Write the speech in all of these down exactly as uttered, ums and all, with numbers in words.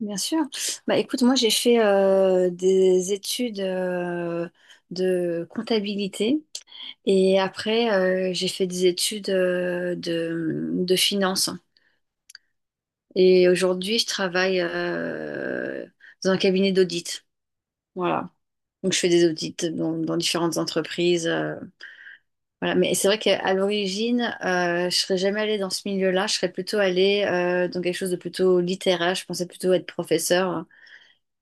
Bien sûr. Bah, écoute, moi j'ai fait euh, des études euh, de comptabilité et après euh, j'ai fait des études euh, de, de finance. Et aujourd'hui je travaille euh, dans un cabinet d'audit. Voilà. Donc je fais des audits dans, dans différentes entreprises. Euh, voilà. Mais c'est vrai qu'à l'origine, euh, je serais jamais allée dans ce milieu-là. Je serais plutôt allée euh, dans quelque chose de plutôt littéraire. Je pensais plutôt être professeur.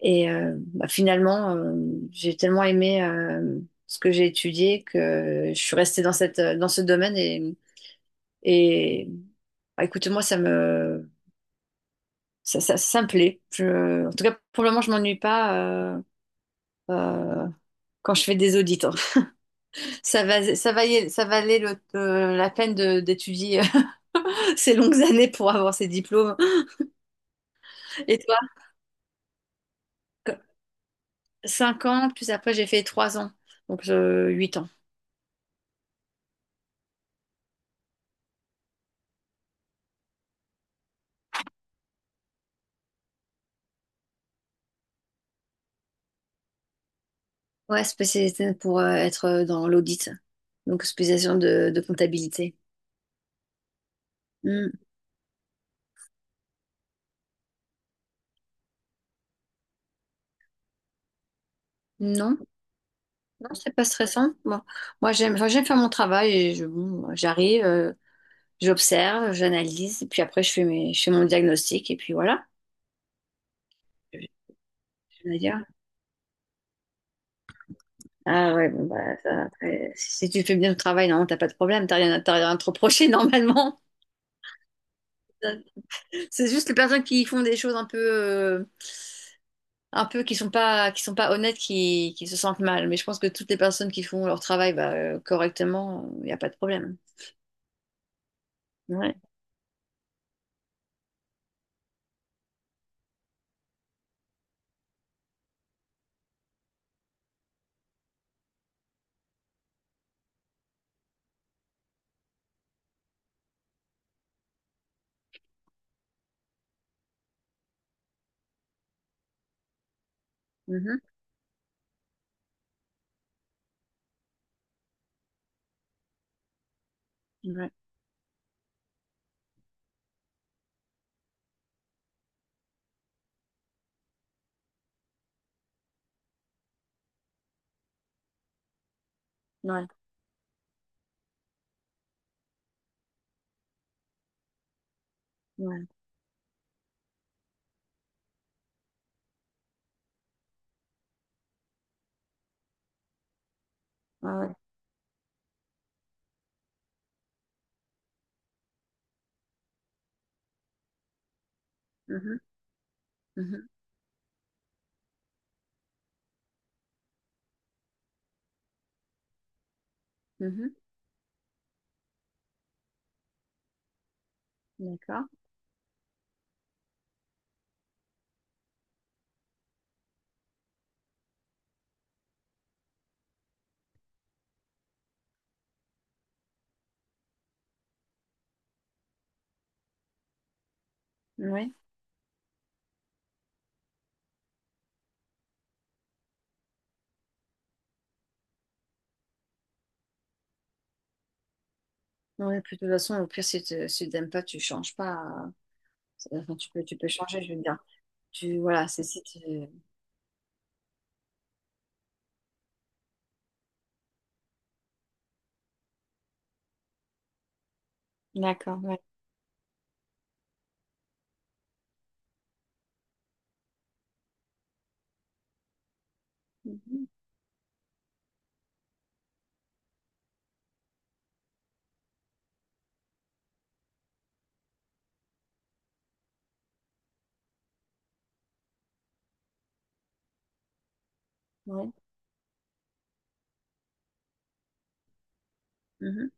Et euh, bah, finalement, euh, j'ai tellement aimé euh, ce que j'ai étudié que je suis restée dans cette, euh, dans ce domaine et, et bah, écoute, moi, ça me, ça, ça, ça me plaît. Je- en tout cas, pour le moment, je m'ennuie pas euh, euh, quand je fais des audits. Hein. Ça va, ça va y- ça valait le, euh, la peine de- d'étudier ces longues années pour avoir ces diplômes. Et toi, cinq ans, plus après, j'ai fait trois ans, donc euh, huit ans. Ouais, spécialisé pour euh, être dans l'audit, donc spécialisation de, de comptabilité. Hmm. Non, non, c'est pas stressant. Moi, moi j'aime, enfin, j'aime faire mon travail et je, bon, j'arrive, euh, j'observe, j'analyse, et puis après je fais mes, je fais mon diagnostic et puis voilà. Je veux dire. Ah ouais, bon, bah, ça, après, si tu fais bien ton travail, non, t'as pas de problème, t'as rien, à- t'as rien à te reprocher normalement. C'est juste les personnes qui font des choses un peu, euh, un peu qui sont pas qui sont pas honnêtes qui, qui se sentent mal, mais je pense que toutes les personnes qui font leur travail bah, euh, correctement, il n'y a pas de problème. Ouais. Mhm. Ouais, ouais, ouais, ouais, ouais. Mhm. Mhm. Mhm. D'accord, ouais, ouais, puis de toute façon, au pire, si tu si t'aimes pas, tu changes pas, euh, enfin, tu peux tu peux changer, je veux dire. Tu Voilà. c'est si tu D'accord. Ouais. Mhm. Ouais. Mhm.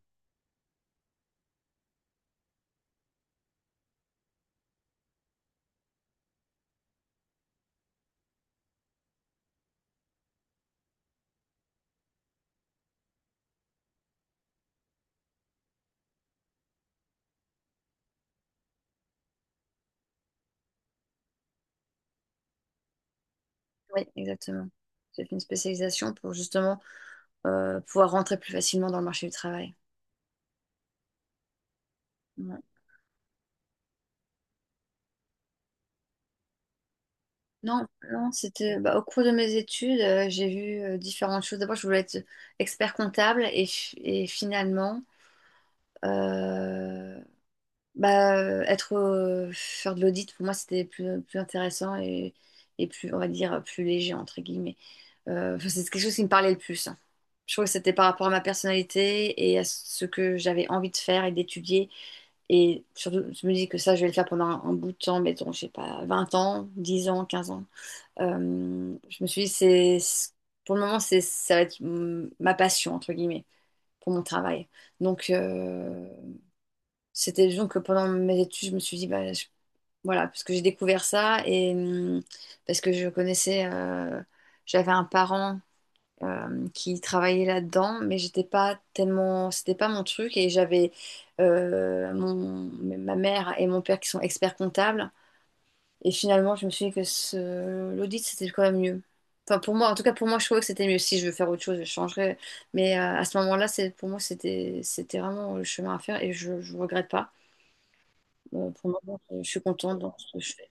Ouais, exactement, j'ai fait une spécialisation pour justement euh, pouvoir rentrer plus facilement dans le marché du travail. Ouais. Non, non, c'était bah, au cours de mes études, euh, j'ai vu euh, différentes choses. D'abord, je voulais être expert comptable et, fi- et finalement, euh, bah, euh, être euh, faire de l'audit pour moi c'était plus, plus intéressant et, et plus, on va dire, plus léger entre guillemets. Euh, enfin, c'est quelque chose qui me parlait le plus. Hein. Je trouve que c'était par rapport à ma personnalité et à ce que j'avais envie de faire et d'étudier. Et surtout, je me dis que ça, je vais le faire pendant un, un bout de temps, mettons, je sais pas, vingt ans, dix ans, quinze ans. Euh, je me suis dit, c'est, pour le moment, c'est, ça va être mm, ma passion, entre guillemets, pour mon travail. Donc, euh, c'était donc que pendant mes études, je me suis dit, bah, je- voilà, parce que j'ai découvert ça et mm, parce que je connaissais, euh, j'avais un parent euh, qui travaillait là-dedans, mais j'étais pas tellement, c'était pas mon truc, et j'avais euh, mon, ma mère et mon père qui sont experts comptables. Et finalement, je me suis dit que ce... l'audit, c'était quand même mieux. Enfin, pour moi, en tout cas, pour moi, je trouvais que c'était mieux. Si je veux faire autre chose, je changerai. Mais euh, à ce moment-là, c'est pour moi, c'était c'était vraiment le chemin à faire et je ne regrette pas. Euh, pour le moment, je suis contente dans ce que je fais.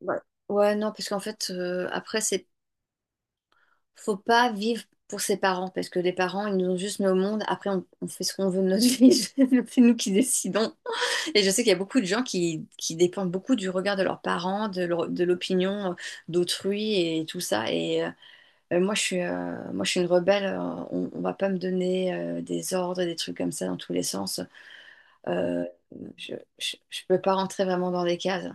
Ouais, ouais, non, parce qu'en fait, euh, après, c'est faut pas vivre pour ses parents, parce que les parents, ils nous ont juste mis au monde. Après, on, on fait ce qu'on veut de notre vie. C'est nous qui décidons. Et je sais qu'il y a beaucoup de gens qui, qui dépendent beaucoup du regard de leurs parents, de, leur- de l'opinion euh, d'autrui et tout ça. Et euh, moi, je suis, euh, moi, je suis une rebelle. euh, On, on va pas me donner euh, des ordres, des trucs comme ça dans tous les sens. Euh, je, je, je peux pas rentrer vraiment dans des cases.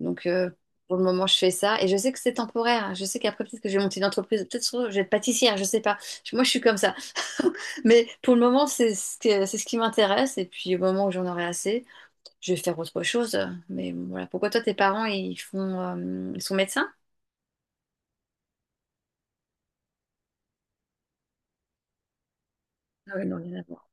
Donc, euh, pour le moment, je fais ça. Et je sais que c'est temporaire. Hein. Je sais qu'après, peut-être que je vais monter une entreprise. Peut-être que je vais être pâtissière. Je sais pas. Je- Moi, je suis comme ça. Mais pour le moment, c'est ce que- c'est ce qui m'intéresse. Et puis, au moment où j'en aurai assez, je vais faire autre chose. Mais bon, voilà. Pourquoi toi, tes parents, ils font, euh, ils sont médecins? Ah oui, non, rien à voir.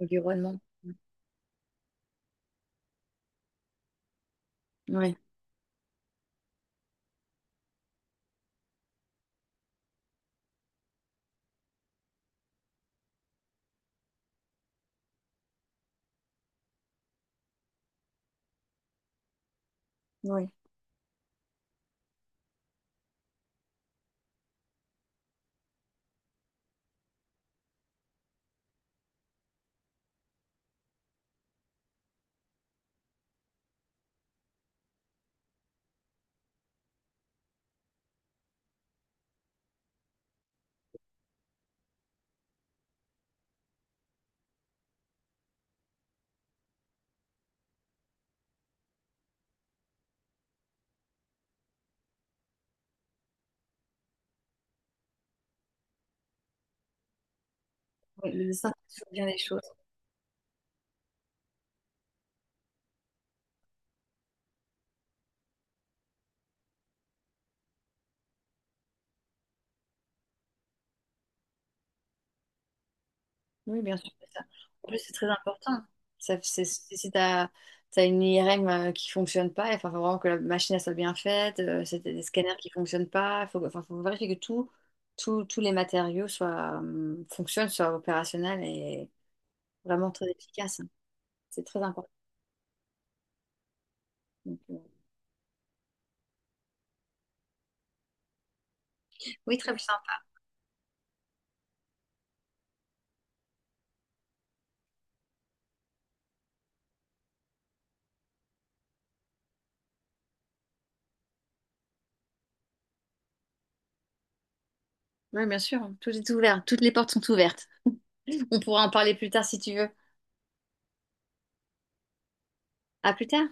Environnement. Oui, oui. Oui, le médecin fait toujours bien les choses. Oui, bien sûr, c'est ça. En plus, c'est très important. Ça, c'est, c'est- si tu as une I R M euh, qui fonctionne pas, il faut vraiment que la machine elle soit bien faite, euh, c'est des des scanners qui fonctionnent pas, faut, enfin, faut vérifier que tout, tout- tous les matériaux soient, euh, fonctionnent, soient opérationnels et vraiment très efficaces. Hein. C'est très important. Donc, euh, oui, très bien. Oui, bien sûr. Hein. Tout est ouvert. Toutes les portes sont ouvertes. On pourra en parler plus tard si tu veux. À plus tard.